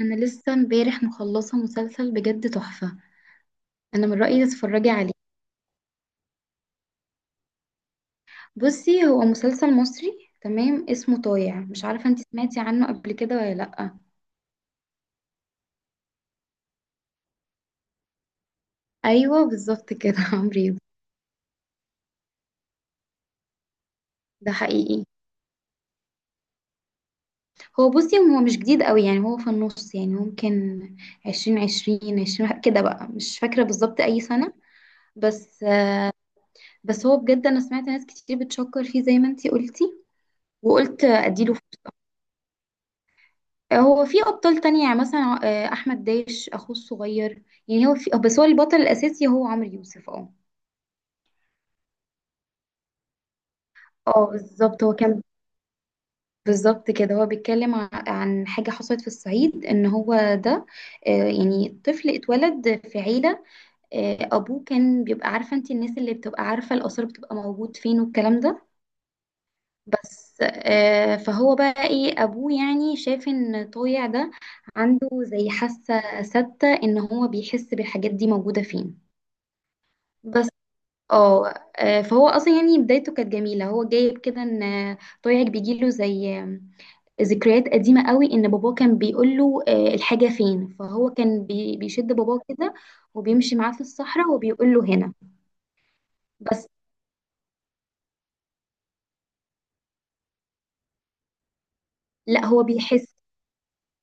انا لسه امبارح مخلصه مسلسل بجد تحفه. انا من رايي تتفرجي عليه. بصي، هو مسلسل مصري تمام، اسمه طايع. مش عارفه انت سمعتي عنه قبل كده ولا لا؟ ايوه بالظبط كده عمرو يوسف. ده حقيقي. هو بصي هو مش جديد قوي، يعني هو في النص، يعني ممكن عشرين عشرين عشرين كده بقى، مش فاكره بالظبط اي سنه. بس بس هو بجد انا سمعت ناس كتير بتشكر فيه زي ما انت قلتي، وقلت اديله. هو في ابطال تانية، يعني مثلا احمد داش اخوه الصغير. يعني هو في، بس هو البطل الاساسي هو عمرو يوسف، اه. اه بالظبط، هو كان. بالظبط كده، هو بيتكلم عن حاجة حصلت في الصعيد، ان هو ده، يعني طفل اتولد في عيلة. ابوه كان بيبقى، عارفة انت الناس اللي بتبقى عارفة الآثار بتبقى موجود فين والكلام ده. بس فهو بقى ايه، ابوه يعني شاف ان طويع ده عنده زي حاسة ثابتة ان هو بيحس بالحاجات دي موجودة فين. بس اه. فهو اصلا يعني بدايته كانت جميله، هو جايب كده ان طويعك بيجيله زي ذكريات قديمه قوي، ان باباه كان بيقول له الحاجه فين، فهو كان بيشد باباه كده، وبيمشي معاه في الصحراء وبيقول له هنا. بس لا هو بيحس،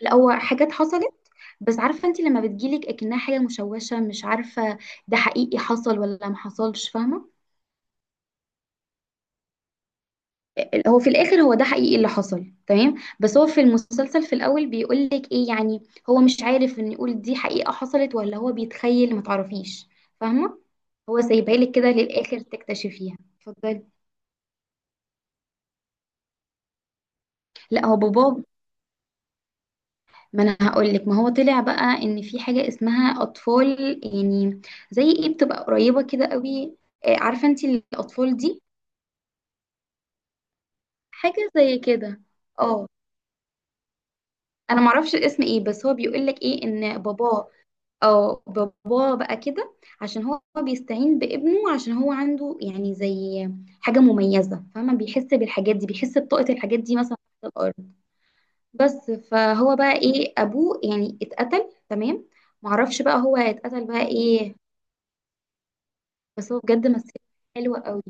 لا هو حاجات حصلت. بس عارفه انت لما بتجيلك اكنها حاجه مشوشه، مش عارفه ده حقيقي حصل ولا ما حصلش، فاهمه. هو في الاخر هو ده حقيقي اللي حصل، تمام، بس هو في المسلسل في الاول بيقول لك ايه يعني، هو مش عارف ان يقول دي حقيقة حصلت ولا هو بيتخيل، ما تعرفيش. فاهمة. هو سايبها لك كده للاخر تكتشفيها، اتفضلي. لا هو بابا. ما انا هقول لك، ما هو طلع بقى ان في حاجة اسمها اطفال، يعني زي ايه، بتبقى قريبة كده قوي. عارفة انت الاطفال دي، حاجة زي كده. اه. انا معرفش الاسم ايه، بس هو بيقول لك ايه، ان باباه، اه باباه بقى كده، عشان هو بيستعين بابنه، عشان هو عنده يعني زي حاجة مميزة، فاهمة، بيحس بالحاجات دي، بيحس بطاقة الحاجات دي مثلا تحت الأرض. بس فهو بقى ايه، أبوه يعني اتقتل تمام. معرفش بقى هو اتقتل بقى ايه. بس هو بجد مثل حلوة قوي.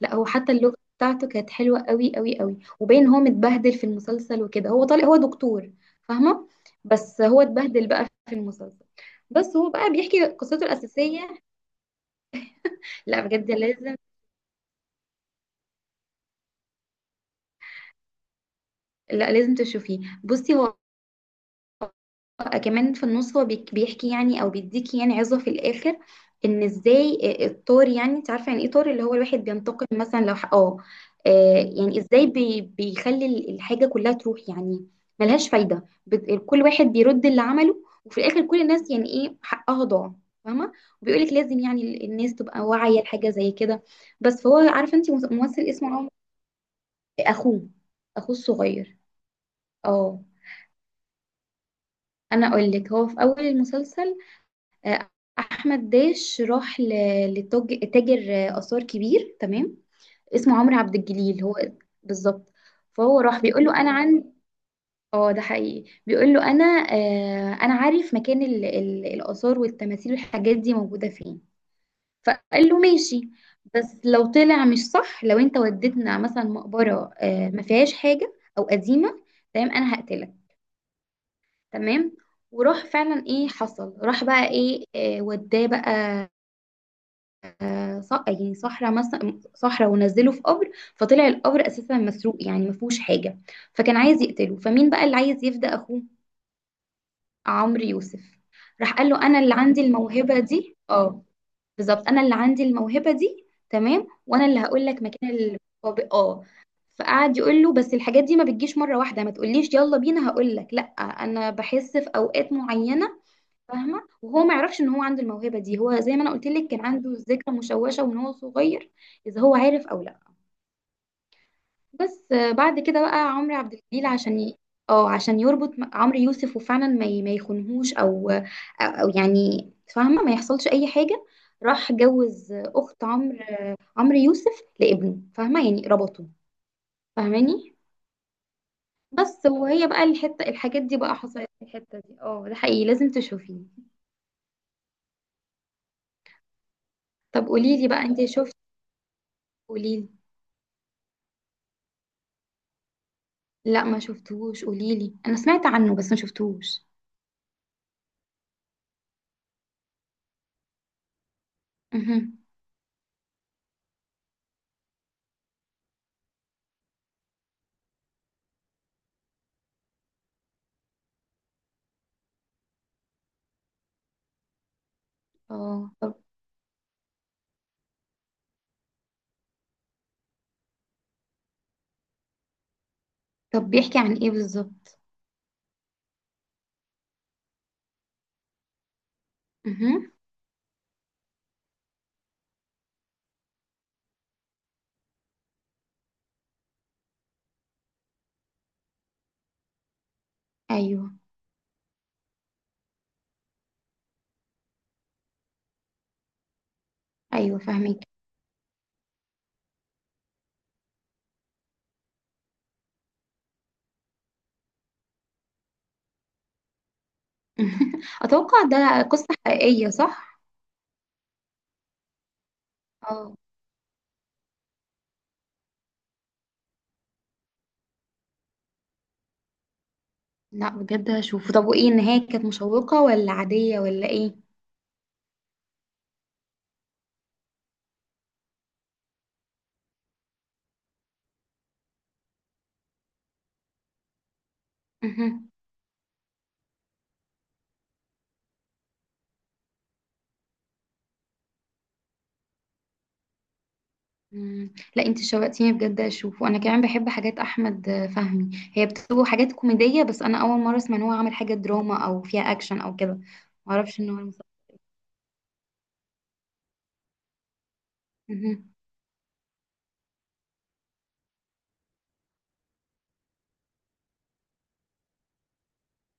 لا هو حتى اللغة بتاعته كانت حلوة قوي قوي قوي، وباين هو متبهدل في المسلسل وكده، هو طالع هو دكتور، فاهمة؟ بس هو اتبهدل بقى في المسلسل، بس هو بقى بيحكي قصته الأساسية. لا بجد لازم، لا لازم تشوفيه. بصي هو كمان في النص هو بيحكي يعني او بيديكي يعني عظة في الاخر، ان ازاي الطار، يعني انت عارفه يعني ايه طار، اللي هو الواحد بينتقم مثلا لو حقه. يعني ازاي بي بيخلي الحاجه كلها تروح، يعني ملهاش فايده، كل واحد بيرد اللي عمله، وفي الاخر كل الناس يعني ايه حقها ضاع، فاهمه. وبيقولك لازم يعني الناس تبقى واعيه لحاجه زي كده. بس فهو عارفه انت ممثل اسمه اخوه، اخوه الصغير، اه. انا اقول لك، هو في اول المسلسل آه، احمد داش راح تاجر اثار كبير، تمام، اسمه عمرو عبد الجليل هو. بالظبط. فهو راح بيقول له انا عن، اه ده حقيقي، بيقول له انا انا عارف مكان الاثار والتماثيل والحاجات دي موجوده فين. فقال له ماشي، بس لو طلع مش صح، لو انت وديتنا مثلا مقبره ما فيهاش حاجه او قديمه، تمام، انا هقتلك، تمام. وراح فعلا، ايه حصل، راح بقى ايه وداه بقى يعني صحراء، مثلا صحراء، ونزله في قبر، فطلع القبر اساسا مسروق يعني ما فيهوش حاجه. فكان عايز يقتله، فمين بقى اللي عايز يفدى اخوه؟ عمرو يوسف. راح قال له انا اللي عندي الموهبه دي، اه، بالظبط، انا اللي عندي الموهبه دي تمام، وانا اللي هقول لك مكان القبر، اه. فقعد يقول له بس الحاجات دي ما بتجيش مره واحده، ما تقوليش يلا بينا، هقول لك لا، انا بحس في اوقات معينه، فاهمه. وهو ما يعرفش ان هو عنده الموهبه دي، هو زي ما انا قلت لك، كان عنده ذكرى مشوشه وان هو صغير اذا هو عارف او لا. بس بعد كده بقى عمرو عبد الجليل عشان ي... اه عشان يربط عمرو يوسف وفعلا ما ي... ما يخونهوش او او يعني، فاهمه، ما يحصلش اي حاجه. راح جوز اخت عمرو، عمرو يوسف لابنه، فاهمه، يعني ربطه. فاهماني. بس وهي بقى الحته، الحاجات دي بقى حصلت في الحته دي، اه ده حقيقي، لازم تشوفيه. طب قولي لي بقى انت شفتي. قولي لي. لا ما شفتهوش، قوليلي، انا سمعت عنه بس ما شفتهوش. اها. اه طب. طب بيحكي عن ايه بالظبط؟ اها. ايوه ايوه فاهمك. اتوقع ده قصة حقيقية، صح؟ اه. لا بجد هشوفه. طب وايه النهاية، كانت مشوقة ولا عادية ولا ايه؟ اها. مم. لا انت شوقتيني بجد اشوفه، انا كمان بحب حاجات احمد فهمي، هي بتبقى حاجات كوميدية، بس انا اول مرة اسمع ان هو عامل حاجة دراما او فيها اكشن او كده، معرفش ان هو المسلسل.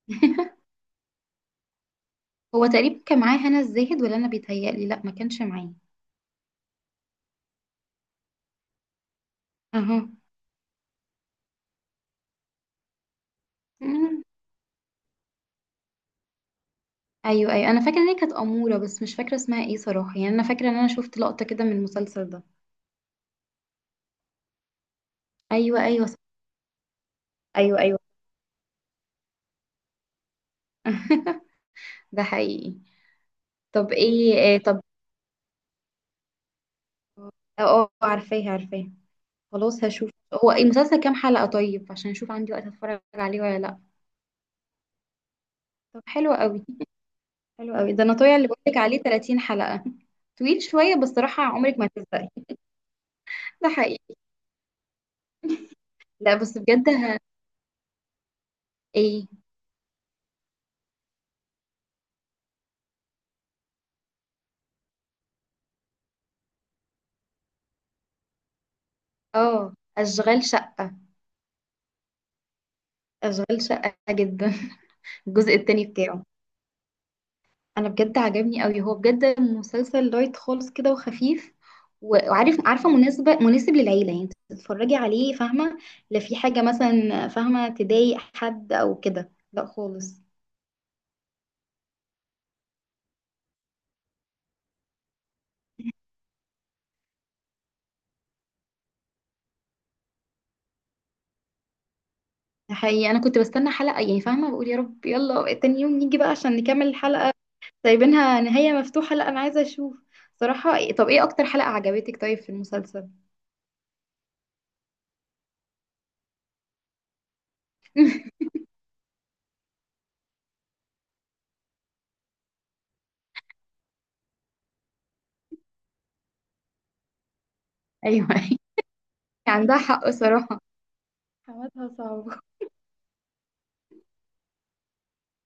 هو تقريبا كان معاه هنا الزاهد، ولا انا بيتهيألي؟ لا ما كانش معاه. اها. مم. ايوه ايوه انا فاكره ان هي كانت اموره، بس مش فاكره اسمها ايه صراحه، يعني انا فاكره ان انا شفت لقطه كده من المسلسل ده. ايوه ايوه صح. ايوه ايوه. ده حقيقي. طب ايه إيه، طب. اه عارفاه عارفاه. خلاص هشوف. هو إيه المسلسل كام حلقه طيب، عشان اشوف عندي وقت اتفرج عليه ولا لا؟ طب حلو قوي. حلو قوي، ده انا طويل اللي بقولك عليه 30 حلقه طويل شويه بس صراحه عمرك ما هتزهقي. ده حقيقي. لا بس بجد ه... ايه. اه اشغال شقة. اشغال شقة جدا. الجزء التاني بتاعه انا بجد عجبني قوي، هو بجد مسلسل لايت خالص كده وخفيف، وعارف، عارفه مناسبه، مناسب للعيله يعني، تتفرجي عليه، فاهمه. لا في حاجه مثلا فاهمه تضايق حد او كده، لا خالص. حقيقي انا كنت بستنى حلقه، يعني فاهمه بقول يا رب يلا تاني يوم نيجي بقى عشان نكمل الحلقه. سايبينها نهايه مفتوحه، لا انا عايزه اشوف صراحه. طب ايه اكتر حلقه عجبتك طيب في المسلسل؟ ايوه. عندها حق صراحة، حماتها صعبة.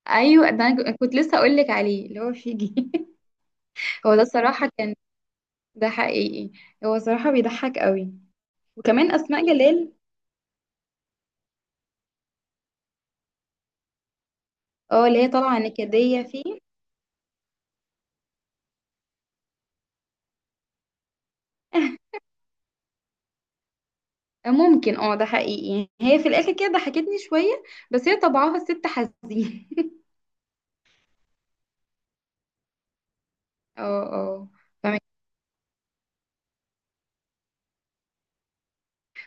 ايوه ده انا كنت لسه اقول لك عليه اللي هو فيجي. هو ده الصراحه كان، ده حقيقي، هو صراحه بيضحك قوي، وكمان اسماء جلال. اه اللي هي طالعه نكديه فيه. ممكن اه ده حقيقي، هي في الاخر كده ضحكتني شويه، بس هي طبعها ست حزين. اه اه فاهمك.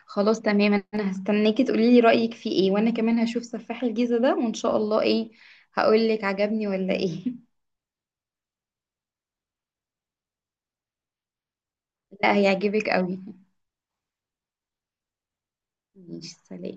خلاص تمام، انا هستناكي تقولي لي رايك فيه ايه، وانا كمان هشوف سفاح الجيزه ده وان شاء الله ايه هقول لك عجبني ولا ايه. لا هيعجبك قوي. ماشي سلام.